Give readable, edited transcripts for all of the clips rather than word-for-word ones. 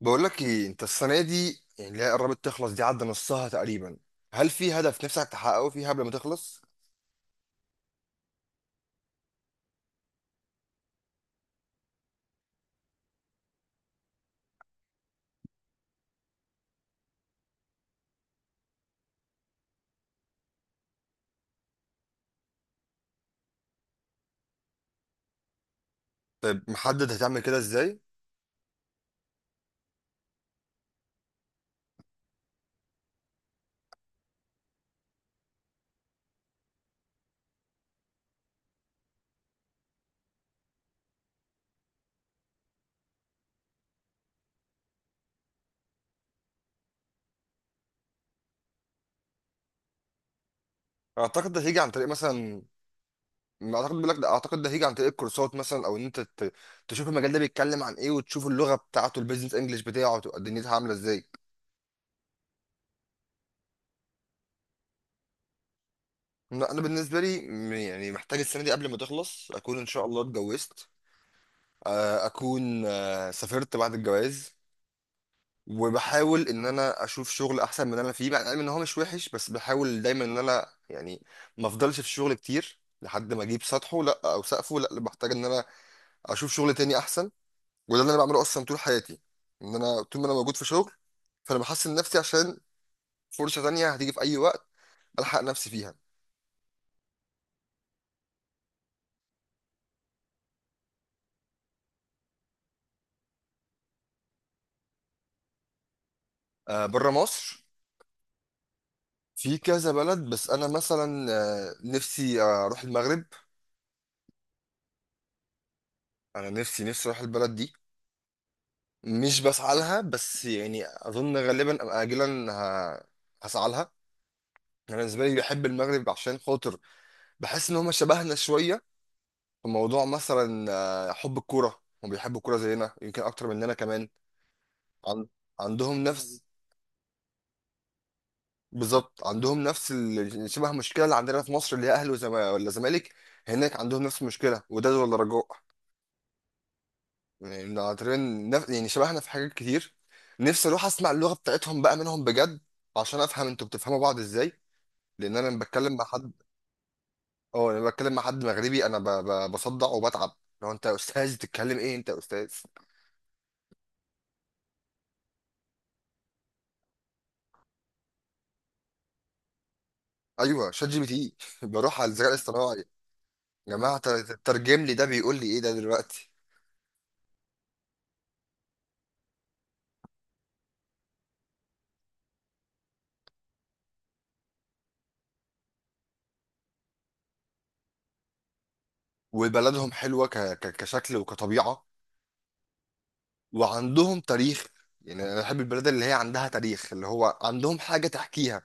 بقول لك ايه انت؟ السنه دي يعني اللي هي قربت تخلص، دي عدى نصها تقريبا. هل في هدف نفسك تحققه فيها قبل ما تخلص؟ طيب، محدد هتعمل كده ازاي؟ اعتقد ده هيجي عن طريق مثلا، اعتقد بقول لك ده، اعتقد ده هيجي عن طريق الكورسات مثلا، او ان انت تشوف المجال ده بيتكلم عن ايه، وتشوف اللغه بتاعته، البيزنس انجلش بتاعه تبقى دنيتها عامله ازاي. لا، انا بالنسبه لي يعني محتاج السنه دي قبل ما تخلص اكون ان شاء الله اتجوزت، اكون سافرت بعد الجواز، وبحاول ان انا اشوف شغل احسن من اللي انا فيه، مع العلم ان هو مش وحش، بس بحاول دايما ان انا يعني ما افضلش في شغل كتير لحد ما اجيب سطحه لا او سقفه، لا بحتاج ان انا اشوف شغل تاني احسن. وده اللي انا بعمله اصلا طول حياتي، ان انا طول ما انا موجود في شغل فانا بحسن نفسي، عشان فرصة تانية هتيجي في اي وقت الحق نفسي فيها. آه، بره مصر. في كذا بلد، بس انا مثلا نفسي اروح المغرب. انا نفسي نفسي اروح البلد دي. مش بسعى لها، بس يعني اظن غالبا اجلا هسعى لها. انا بالنسبه لي بحب المغرب عشان خاطر بحس ان هم شبهنا شويه في موضوع مثلا حب الكوره. هم بيحبوا الكوره زينا، يمكن اكتر مننا كمان. عن... عندهم نفس، بالظبط عندهم نفس شبه المشكله اللي عندنا في مصر، اللي هي اهلي ولا زمالك. هناك عندهم نفس المشكله، وداد ولا رجاء. يعني تقريبا يعني شبهنا في حاجات كتير. نفسي اروح اسمع اللغه بتاعتهم بقى منهم بجد، عشان افهم انتوا بتفهموا بعض ازاي. لان انا لما بتكلم مع حد، اه لما بتكلم مع حد مغربي انا بصدع وبتعب. لو انت يا استاذ بتتكلم ايه، انت يا استاذ. ايوه، شات جي بي تي. بروح على الذكاء الاصطناعي. يا جماعه، ترجم لي ده بيقول لي ايه ده دلوقتي. وبلدهم حلوه كشكل وكطبيعه، وعندهم تاريخ. يعني انا بحب البلاد اللي هي عندها تاريخ، اللي هو عندهم حاجه تحكيها،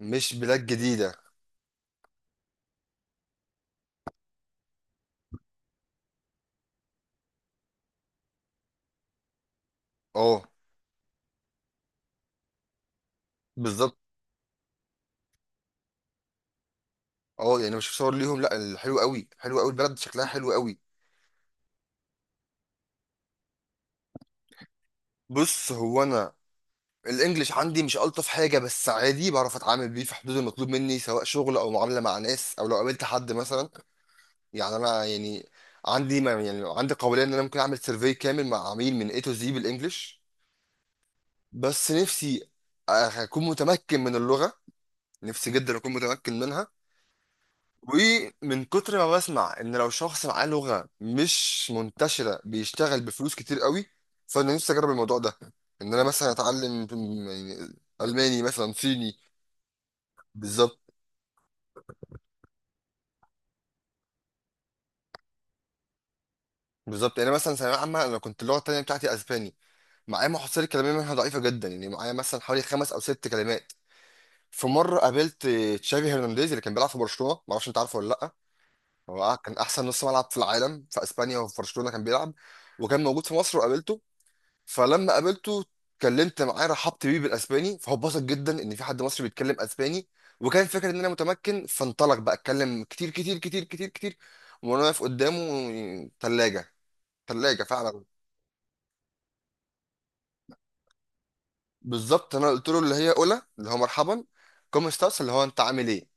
مش بلاد جديده. اه، بالظبط. اه يعني مش صور ليهم، لا، الحلو قوي حلو قوي، البلد شكلها حلو قوي. بص هو انا الانجليش عندي مش الطف حاجه، بس عادي بعرف اتعامل بيه في حدود المطلوب مني، سواء شغل او معامله مع ناس او لو قابلت حد مثلا. يعني انا يعني عندي ما يعني عندي قابليه ان انا ممكن اعمل سيرفي كامل مع عميل من A to Z بالانجليش. بس نفسي اكون متمكن من اللغه، نفسي جدا اكون متمكن منها. ومن كتر ما بسمع ان لو شخص معاه لغه مش منتشره بيشتغل بفلوس كتير قوي، فانا نفسي اجرب الموضوع ده، ان انا مثلا اتعلم يعني الماني مثلا، صيني. بالظبط بالظبط. يعني مثلا ثانويه عامه انا كنت اللغه التانيه بتاعتي اسباني، معايا محصله كلاميه منها ضعيفه جدا. يعني معايا مثلا حوالي خمس او ست كلمات. في مره قابلت تشافي هرنانديز، اللي كان بيلعب في برشلونه، ما اعرفش انت عارفه ولا لا. هو كان احسن نص ملعب في العالم، في اسبانيا وفي برشلونه كان بيلعب. وكان موجود في مصر وقابلته. فلما قابلته اتكلمت معاه، رحبت بيه بالاسباني، فهو اتبسط جدا ان في حد مصري بيتكلم اسباني، وكان فاكر ان انا متمكن، فانطلق بقى اتكلم كتير كتير كتير كتير كتير، وانا واقف قدامه ثلاجه. ثلاجه فعلا. بالظبط. انا قلت له اللي هي اولى اللي هو مرحبا، كوم ستاس اللي هو انت عامل ايه.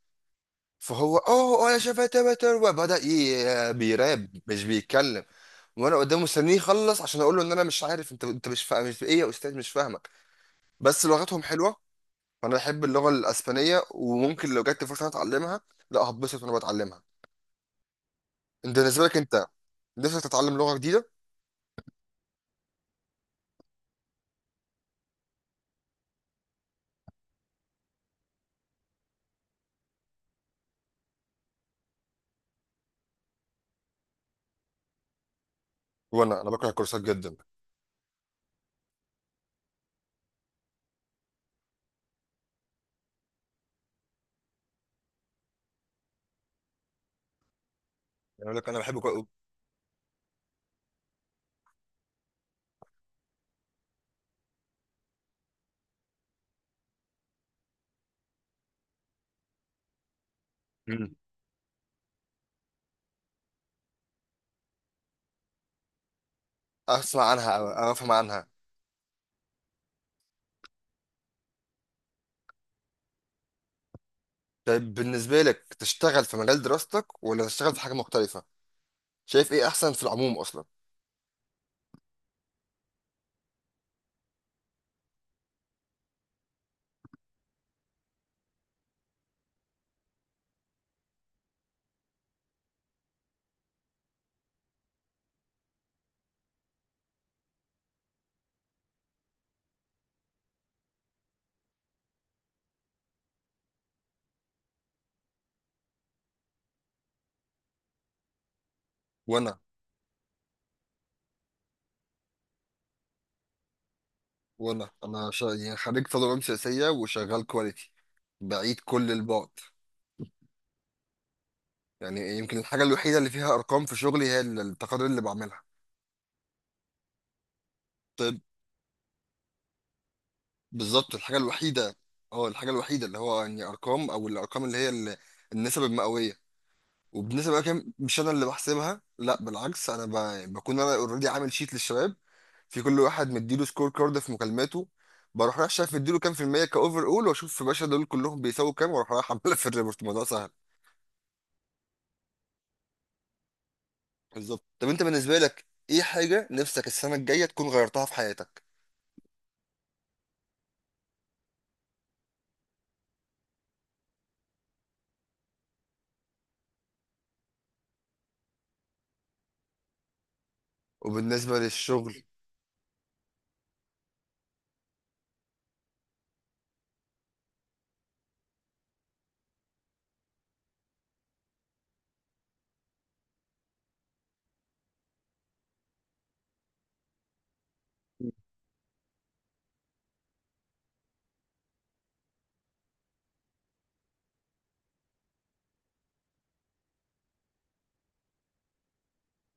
فهو، اوه، انا شفت بتر، وبدا بيراب، مش بيتكلم. وانا قدامه مستنيه يخلص عشان اقول له ان انا مش عارف، انت مش فاهم، مش ايه يا استاذ، مش فاهمك. بس لغتهم حلوه، فانا بحب اللغه الاسبانيه، وممكن لو جت فرصه إن أنا اتعلمها لا هتبسط وانا بتعلمها. انت بالنسبه لك انت نفسك تتعلم لغه جديده؟ وانا انا بكره الكورسات جدا، يعني اقول لك انا بحب مم. اسمع عنها او افهم عنها. طيب بالنسبة لك تشتغل في مجال دراستك ولا تشتغل في حاجة مختلفة؟ شايف ايه احسن في العموم اصلا؟ وانا يعني خريج تدريب سياسية وشغال كواليتي، بعيد كل البعد. يعني يمكن الحاجة الوحيدة اللي فيها ارقام في شغلي هي التقارير اللي بعملها. طيب. بالظبط، الحاجة الوحيدة. اه، الحاجة الوحيدة اللي هو يعني ارقام، او الارقام اللي هي النسب المئوية. وبالنسبة بقى كام، مش انا اللي بحسبها، لا بالعكس، انا بكون انا اوريدي عامل شيت للشباب، في كل واحد مديله سكور كارد في مكالماته، بروح رايح شايف مديله كام في المية كأوفر أول، وأشوف يا باشا دول كلهم بيساووا كام، وأروح رايح عاملها في الريبورت. الموضوع سهل. بالظبط. طب أنت بالنسبة لك، إيه حاجة نفسك السنة الجاية تكون غيرتها في حياتك؟ وبالنسبة للشغل،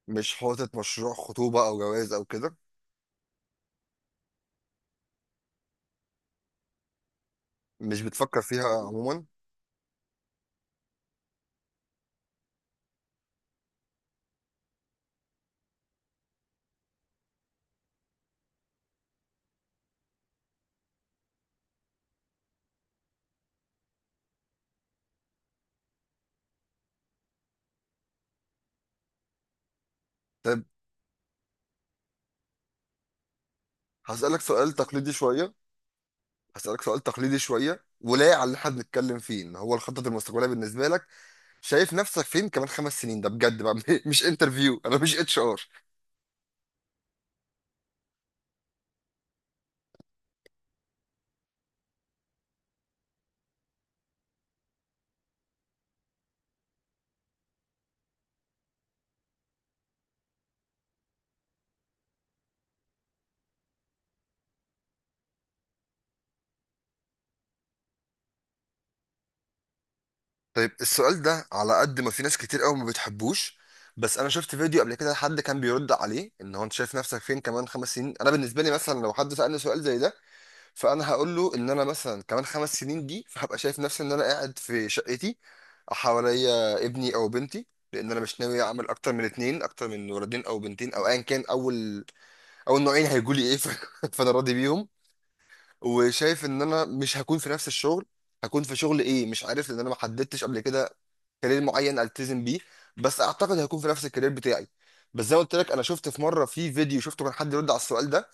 مش حاطط مشروع خطوبة أو جواز أو كده؟ مش بتفكر فيها عموما؟ طب هسألك سؤال تقليدي شوية. ولايق على اللي احنا بنتكلم فيه، ان هو الخطط المستقبلية بالنسبة لك، شايف نفسك فين كمان خمس سنين؟ ده بجد بقى، مش انترفيو، انا مش اتش ار. طيب السؤال ده، على قد ما في ناس كتير قوي ما بتحبوش، بس انا شفت فيديو قبل كده حد كان بيرد عليه ان هو انت شايف نفسك فين كمان خمس سنين. انا بالنسبه لي مثلا لو حد سالني سؤال زي ده، فانا هقول له ان انا مثلا كمان خمس سنين دي، فهبقى شايف نفسي ان انا قاعد في شقتي، حواليا ابني او بنتي، لان انا مش ناوي اعمل اكتر من اتنين، اكتر من ولدين او بنتين او ايا كان، اول نوعين هيجوا لي ايه. فانا راضي بيهم. وشايف ان انا مش هكون في نفس الشغل، هكون في شغل ايه مش عارف، لان انا ما حددتش قبل كده كارير معين التزم بيه، بس اعتقد هيكون في نفس الكارير بتاعي. بس زي ما قلت لك، انا شفت في مره في فيديو شفته كان حد يرد على السؤال ده،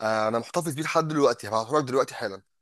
انا محتفظ بيه لحد دلوقتي، هبعته لك دلوقتي حالا.